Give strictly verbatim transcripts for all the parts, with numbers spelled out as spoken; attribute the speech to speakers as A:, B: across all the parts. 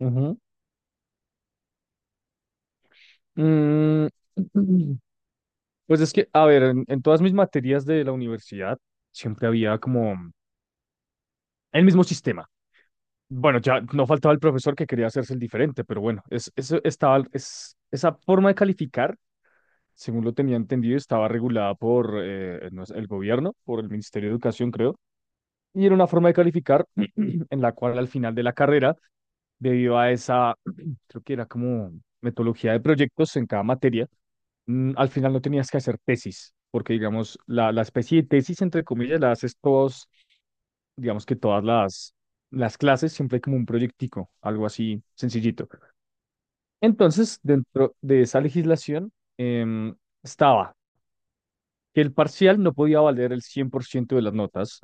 A: Ujú. Mm, pues es que, a ver, en, en todas mis materias de la universidad siempre había como el mismo sistema. Bueno, ya no faltaba el profesor que quería hacerse el diferente, pero bueno, es, eso estaba, es, esa forma de calificar, según lo tenía entendido, estaba regulada por eh, no sé, el gobierno, por el Ministerio de Educación, creo, y era una forma de calificar en la cual al final de la carrera, debido a esa, creo que era como metodología de proyectos en cada materia. Mm, al final no tenías que hacer tesis, porque digamos, la, la especie de tesis, entre comillas, la haces todos, digamos que todas las, las clases, siempre hay como un proyectico, algo así sencillito. Entonces, dentro de esa legislación em, estaba que el parcial no podía valer el cien por ciento de las notas.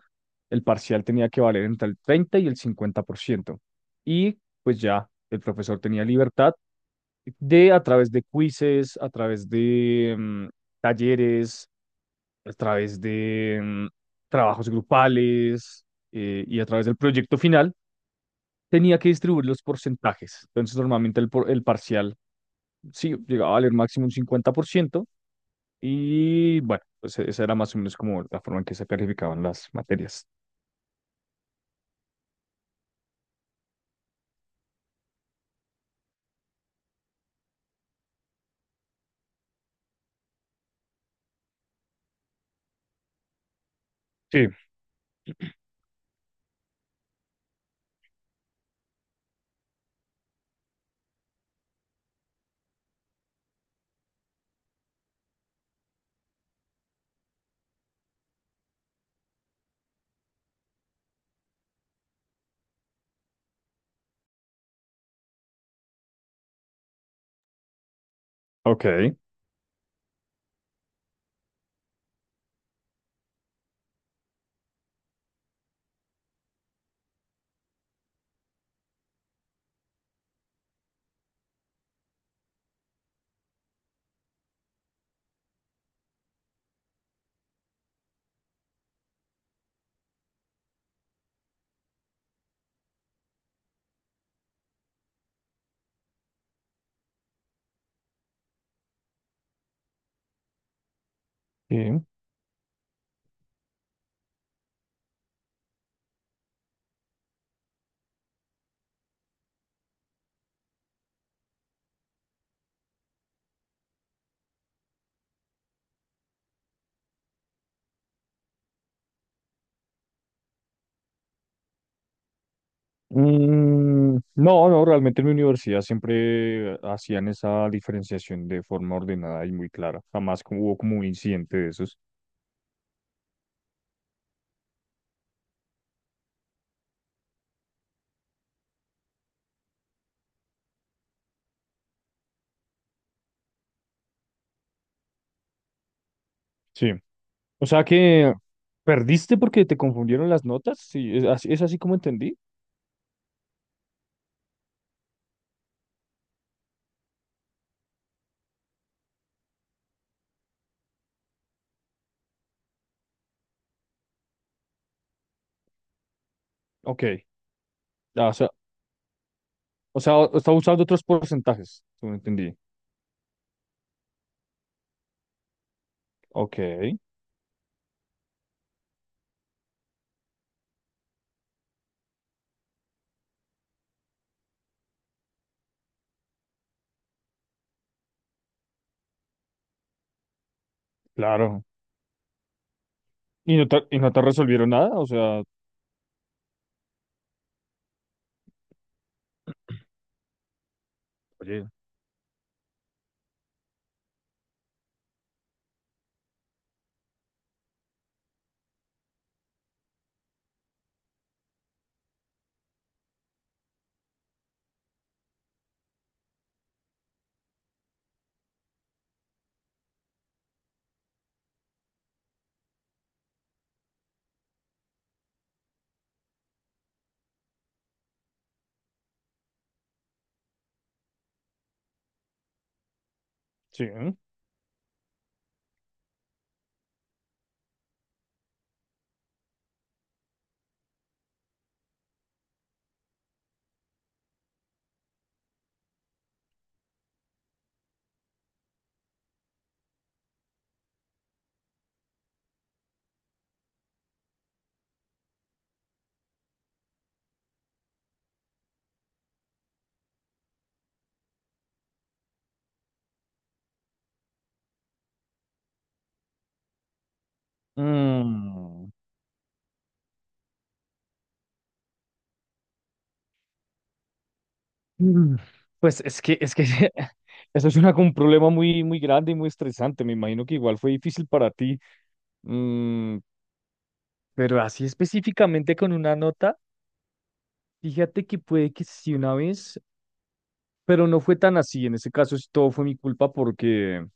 A: El parcial tenía que valer entre el treinta y el cincuenta por ciento. Y pues ya el profesor tenía libertad de, a través de quizzes, a través de... em, talleres, a través de mm, trabajos grupales eh, y a través del proyecto final, tenía que distribuir los porcentajes. Entonces, normalmente el, por- el parcial, sí, llegaba a valer máximo un cincuenta por ciento, y bueno, pues e, esa era más o menos como la forma en que se calificaban las materias. Sí, ok. Sí. Mm, no, no, realmente en mi universidad siempre hacían esa diferenciación de forma ordenada y muy clara. Jamás como- hubo como un incidente de esos. Sí. O sea que perdiste porque te confundieron las notas. Sí, es así, es así como entendí. Ok. Ah, o sea, o sea, o- está usando otros porcentajes. Como entendí. Ok, claro. ¿Y no te, y no te resolvieron nada? O sea, oye, sí, ¿eh? Mm. Mm, Pues es que, es que eso es una, un problema muy, muy grande y muy estresante. Me imagino que igual fue difícil para ti. Mm, pero así específicamente con una nota, fíjate que puede que sí una vez. Pero no fue tan así. En ese caso, sí, todo fue mi culpa porque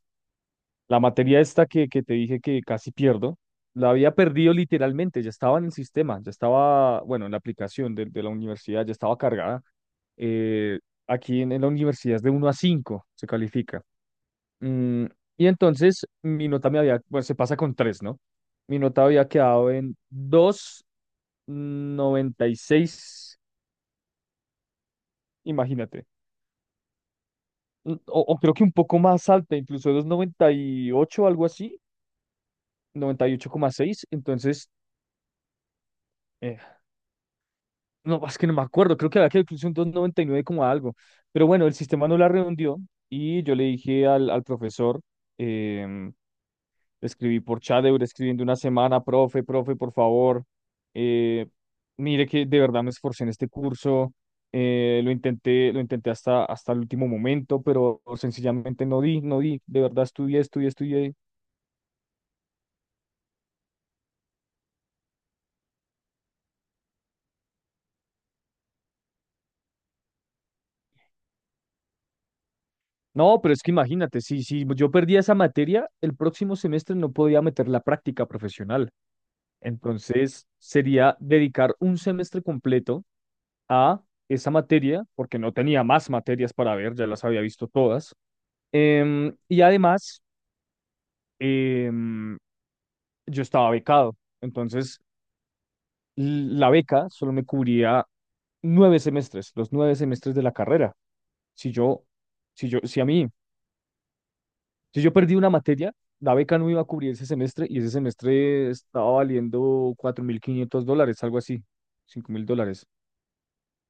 A: la materia esta que, que te dije que casi pierdo, la había perdido literalmente. Ya estaba en el sistema, ya estaba, bueno, en la aplicación de, de la universidad, ya estaba cargada. Eh, Aquí en, en la universidad es de uno a cinco se califica. Mm, y entonces mi nota me había, bueno, se pasa con tres, ¿no? Mi nota había quedado en dos noventa y seis, imagínate. Mm, O, o creo que un poco más alta, incluso dos noventa y ocho, algo así, noventa y ocho coma seis. Entonces, eh, no, es que no me acuerdo. Creo que había que incluso un doscientos noventa y nueve como algo. Pero bueno, el sistema no la redondeó y yo le dije al, al profesor, eh, escribí por chat, duré escribiendo una semana. Profe, profe, por favor, eh, mire que de verdad me esforcé en este curso. Eh, lo intenté, lo intenté hasta, hasta el último momento, pero sencillamente no di, no di. De verdad estudié, estudié, estudié. No, pero es que imagínate, si, si yo perdía esa materia, el próximo semestre no podía meter la práctica profesional. Entonces sería dedicar un semestre completo a esa materia, porque no tenía más materias para ver, ya las había visto todas. Em, y además, em, yo estaba becado. Entonces, l- la beca solo me cubría nueve semestres, los nueve semestres de la carrera. Si yo, si yo, si a mí Si yo perdí una materia, la beca no me iba a cubrir ese semestre, y ese semestre estaba valiendo cuatro mil quinientos dólares, algo así, cinco mil dólares.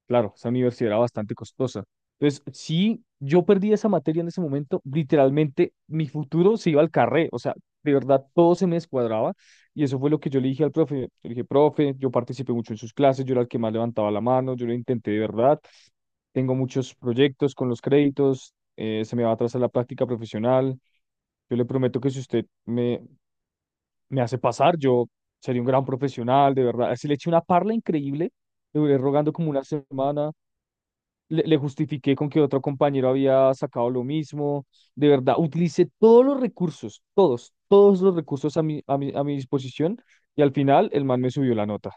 A: Claro, esa universidad era bastante costosa. Entonces, si yo perdí esa materia en ese momento, literalmente mi futuro se iba al carré. O sea, de verdad todo se me descuadraba, y eso fue lo que yo le dije al profe. Yo le dije, profe, yo participé mucho en sus clases, yo era el que más levantaba la mano, yo lo intenté de verdad, tengo muchos proyectos con los créditos, eh, se me va a atrasar la práctica profesional. Yo le prometo que si usted me, me hace pasar, yo sería un gran profesional, de verdad. Si le eché una parla increíble, le duré rogando como una semana, le, le justifiqué con que otro compañero había sacado lo mismo. De verdad, utilicé todos los recursos, todos, todos los recursos a mi, a mi, a mi disposición, y al final el man me subió la nota.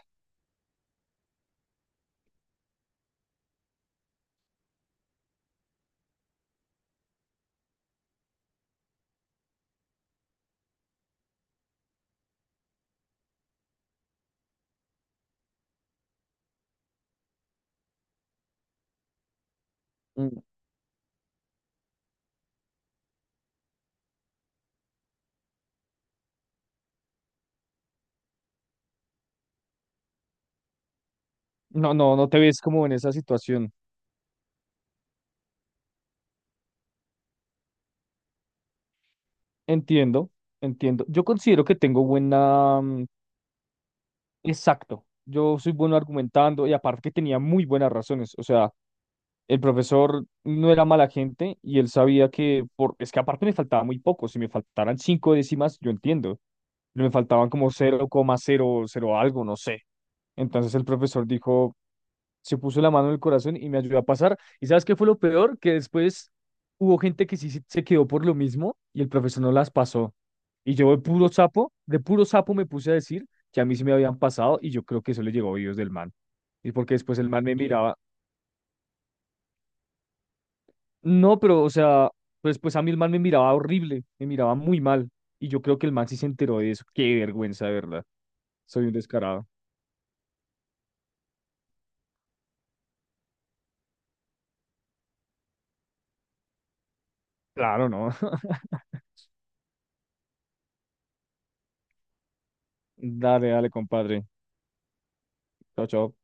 A: Mm, No, no, no te ves como en esa situación. Entiendo, entiendo. Yo considero que tengo buena, mm, Exacto. Yo soy bueno argumentando, y aparte que tenía muy buenas razones. O sea, el profesor no era mala gente, y él sabía que por... Es que aparte me faltaba muy poco. Si me faltaran cinco décimas, yo entiendo. Pero me faltaban como cero cero coma cero cero algo, no sé. Entonces el profesor dijo, se puso la mano en el corazón y me ayudó a pasar. ¿Y sabes qué fue lo peor? Que después hubo gente que sí se se quedó por lo mismo y el profesor no las pasó. Y yo de puro sapo, de puro sapo me puse a decir que a mí sí me habían pasado, y yo creo que eso le llegó a oídos del man. Y porque después el man me miraba. No, pero o sea, pues, pues a mí el man me miraba horrible, me miraba muy mal. Y yo creo que el man sí se enteró de eso. Qué vergüenza, de verdad. Soy un descarado. Claro, ¿no? Dale, dale, compadre. Chao, chao.